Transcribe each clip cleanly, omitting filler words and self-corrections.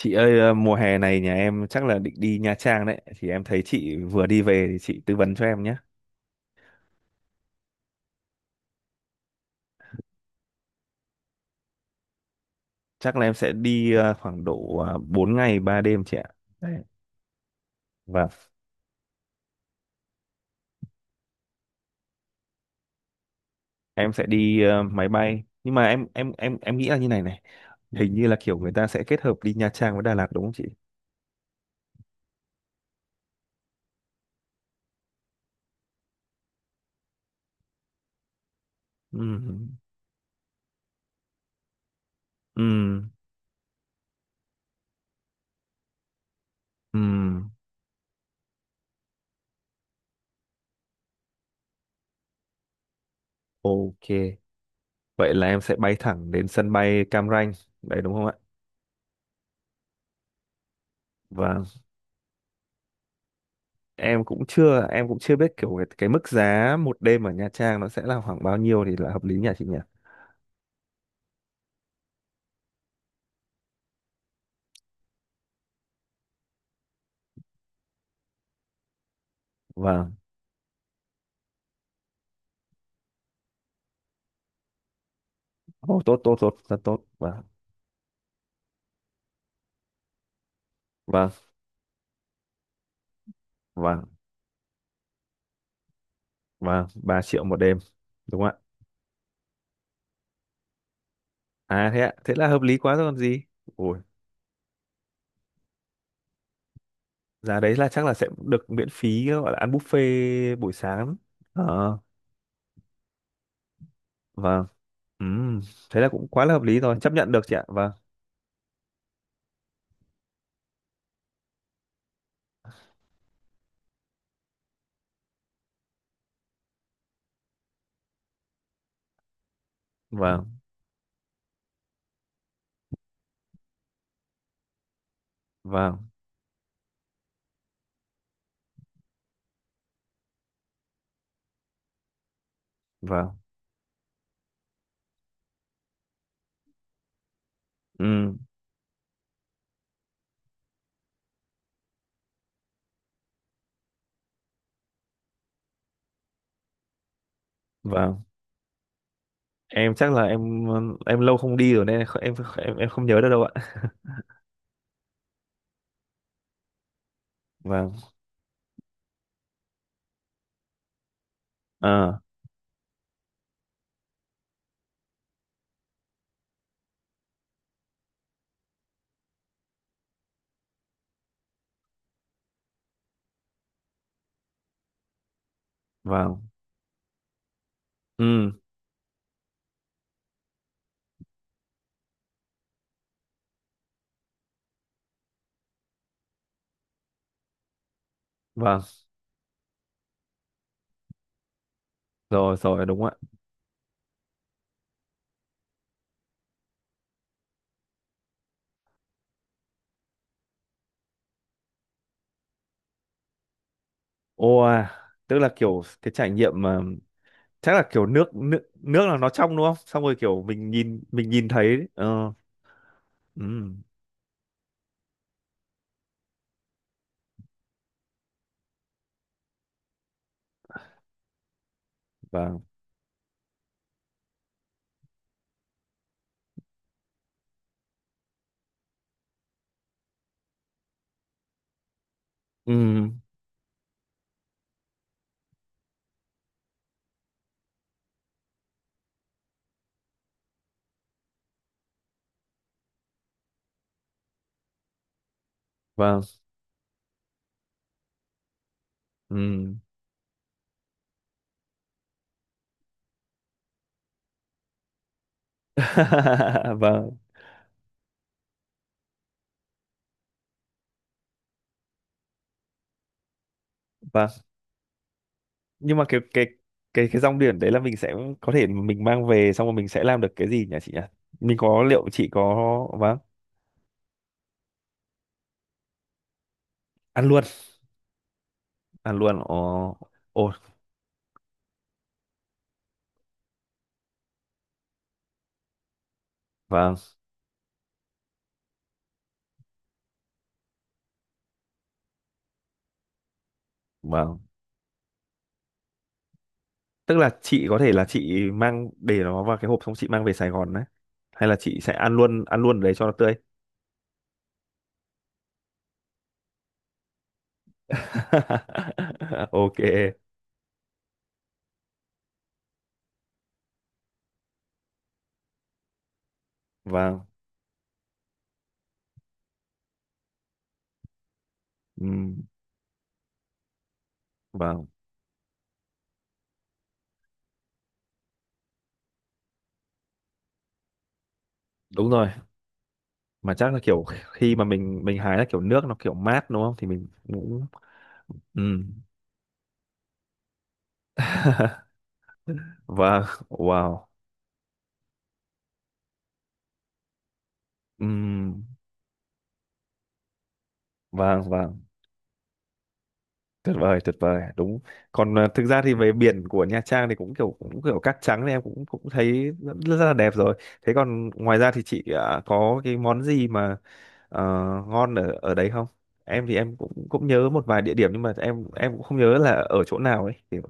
Chị ơi, mùa hè này nhà em chắc là định đi Nha Trang đấy. Thì em thấy chị vừa đi về thì chị tư vấn cho em nhé. Chắc là em sẽ đi khoảng độ 4 ngày 3 đêm chị ạ. Đấy. Và em sẽ đi máy bay. Nhưng mà em nghĩ là như này này, hình như là kiểu người ta sẽ kết hợp đi Nha Trang với Đà Lạt đúng không chị? Ừ. Ừ. Ừ. Ok. Vậy là em sẽ bay thẳng đến sân bay Cam Ranh. Đấy đúng không ạ? Vâng. Em cũng chưa biết kiểu cái mức giá 1 đêm ở Nha Trang nó sẽ là khoảng bao nhiêu thì là hợp lý nhỉ chị nhỉ. Vâng. Oh, tốt tốt tốt, rất tốt. Vâng. Vâng. Vâng. Vâng, 3 triệu 1 đêm đúng không ạ? À thế ạ, thế là hợp lý quá rồi còn gì. Ôi, giá đấy là chắc là sẽ được miễn phí, gọi là ăn buffet buổi sáng. Ờ. Vâng. Ừm, thế là cũng quá là hợp lý rồi, chấp nhận được chị ạ. Vâng. Vâng. Vâng. Vâng. Ừm. Vâng, em chắc là em lâu không đi rồi nên em không nhớ được đâu ạ. Vâng. À. Vâng. Ừ. Vâng. Rồi rồi, đúng ạ. Ô. Tức là kiểu cái trải nghiệm mà chắc là kiểu nước nước nước là nó trong đúng không, xong rồi kiểu mình nhìn thấy ừ. Vâng. Ừ. Vâng. Ừ. Vâng. Vâng. Nhưng mà cái rong biển đấy là mình sẽ có thể mình mang về xong rồi mình sẽ làm được cái gì nhỉ chị nhỉ, mình có, liệu chị có. Vâng. Ăn luôn. Ăn luôn, ồ. Ồ. Vâng. Vâng, tức là chị có thể là chị mang để nó vào cái hộp xong chị mang về Sài Gòn đấy, hay là chị sẽ ăn luôn, ăn luôn ở đấy cho nó tươi. Ok. Vâng. Ừm. Vâng, đúng rồi. Mà chắc là kiểu khi mà mình hái là kiểu nước nó kiểu mát đúng không thì mình cũng. Ừm. Vâng. Wow. Ừm. Vâng. Vâng, tuyệt vời, tuyệt vời, đúng. Còn thực ra thì về biển của Nha Trang thì cũng kiểu, cũng kiểu cát trắng thì em cũng cũng thấy rất, rất là đẹp rồi. Thế còn ngoài ra thì chị có cái món gì mà ờ, ngon ở ở đấy không? Em thì em cũng cũng nhớ một vài địa điểm nhưng mà em cũng không nhớ là ở chỗ nào ấy kiểu.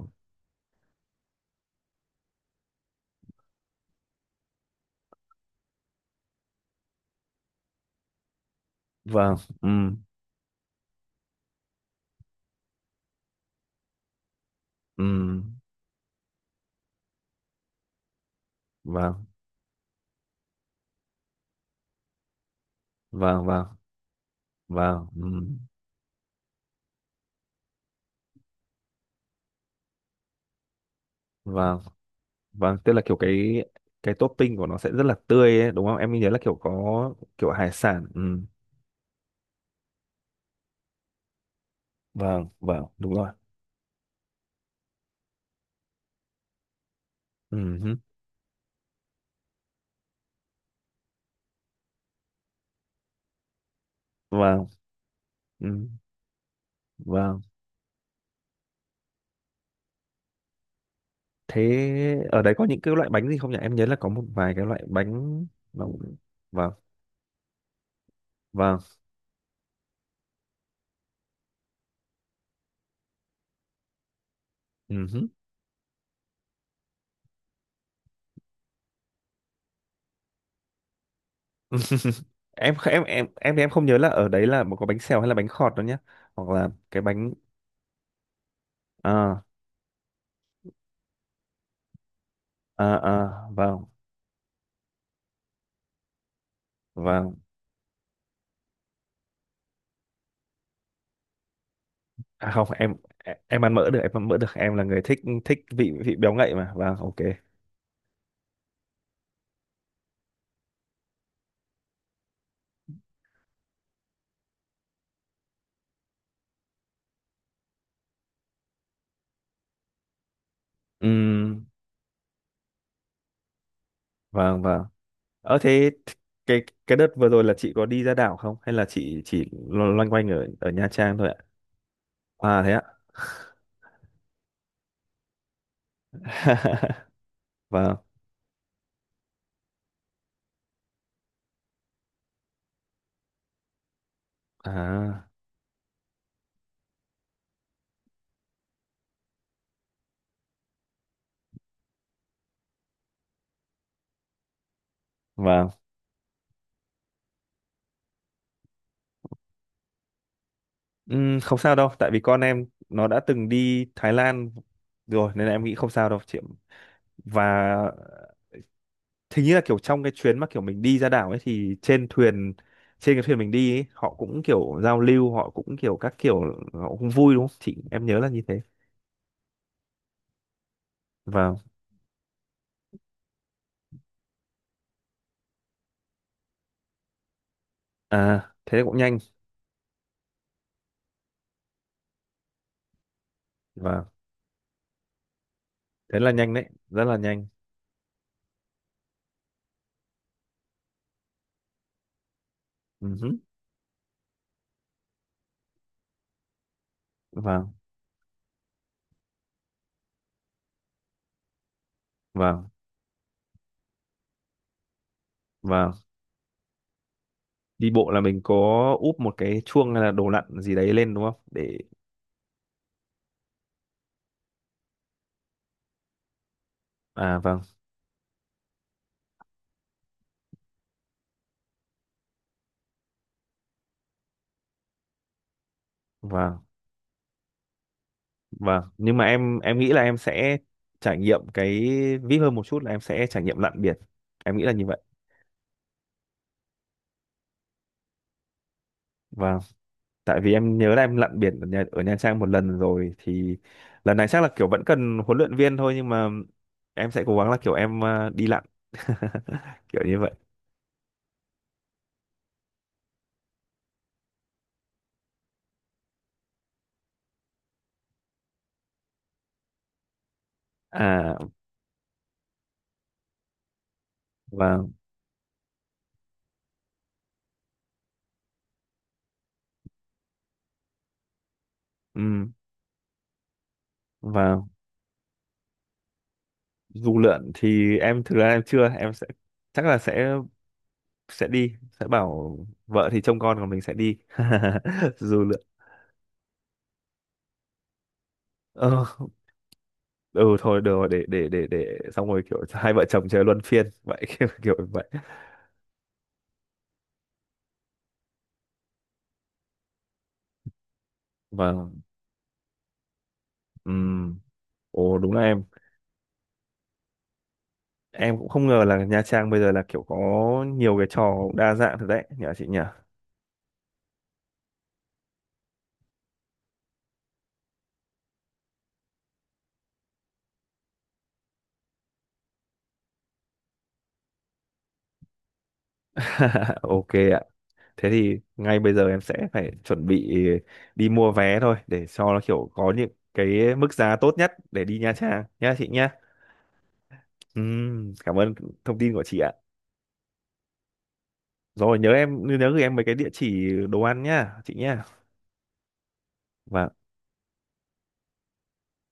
Vâng. Ừ. Ừ. Vâng. Vâng. Vâng. Vâng. Ừ. Vâng. Vâng, tức là kiểu cái topping của nó sẽ rất là tươi ấy, đúng không, em nhớ là kiểu có kiểu hải sản, ừ. Vâng. Vâng, đúng rồi. Ừ hứ. Vâng. Ừ. Vâng. Thế ở đấy có những cái loại bánh gì không nhỉ? Em nhớ là có một vài cái loại bánh nó cũng- Vâng. Vâng. Ừ hứ. Em thì em không nhớ là ở đấy là có bánh xèo hay là bánh khọt đâu nhá? Hoặc là cái bánh. à À. Vâng. Vâng. À không, em ăn mỡ được, em ăn mỡ được. Em là người thích thích vị vị béo ngậy mà. Vâng, ok. Ừ. Vâng. Vâng. Ờ thế cái đợt vừa rồi là chị có đi ra đảo không hay là chị chỉ lo- loanh quanh ở ở Nha Trang thôi ạ? À thế ạ. Vâng. À. Vâng. Không sao đâu, tại vì con em nó đã từng đi Thái Lan rồi nên là em nghĩ không sao đâu chị. Và hình như là kiểu trong cái chuyến mà kiểu mình đi ra đảo ấy thì trên thuyền, trên cái thuyền mình đi ấy, họ cũng kiểu giao lưu, họ cũng kiểu các kiểu, họ cũng vui đúng không? Chị, em nhớ là như thế. Vâng. À thế cũng nhanh. Vâng. Thế là nhanh đấy, rất là nhanh. Ừ hứ. Vâng. Vâng. Vâng. Đi bộ là mình có úp một cái chuông hay là đồ lặn gì đấy lên đúng không để. À vâng. Vâng. Vâng. Nhưng mà em nghĩ là em sẽ trải nghiệm cái vip hơn một chút là em sẽ trải nghiệm lặn biển, em nghĩ là như vậy. Vâng. Tại vì em nhớ là em lặn biển ở Nha Trang một lần rồi thì lần này chắc là kiểu vẫn cần huấn luyện viên thôi nhưng mà em sẽ cố gắng là kiểu em đi lặn kiểu như vậy. À. Vâng. Ừ. Vâng. Du lượn thì em thực ra em chưa, em sẽ chắc là sẽ bảo vợ thì trông con còn mình sẽ đi du lượn. ờ, ừ thôi được rồi để xong rồi kiểu hai vợ chồng chơi luân phiên vậy, kiểu, kiểu vậy. Vâng. Ừm. Ồ đúng là em cũng không ngờ là Nha Trang bây giờ là kiểu có nhiều cái trò đa dạng thật đấy nhờ chị nhỉ. Ok ạ. Thế thì ngay bây giờ em sẽ phải chuẩn bị đi mua vé thôi để cho nó kiểu có những cái mức giá tốt nhất để đi Nha Trang nhá chị nhá. Cảm ơn thông tin của chị ạ. Rồi nhớ, em nhớ gửi em mấy cái địa chỉ đồ ăn nhá chị nhá. Và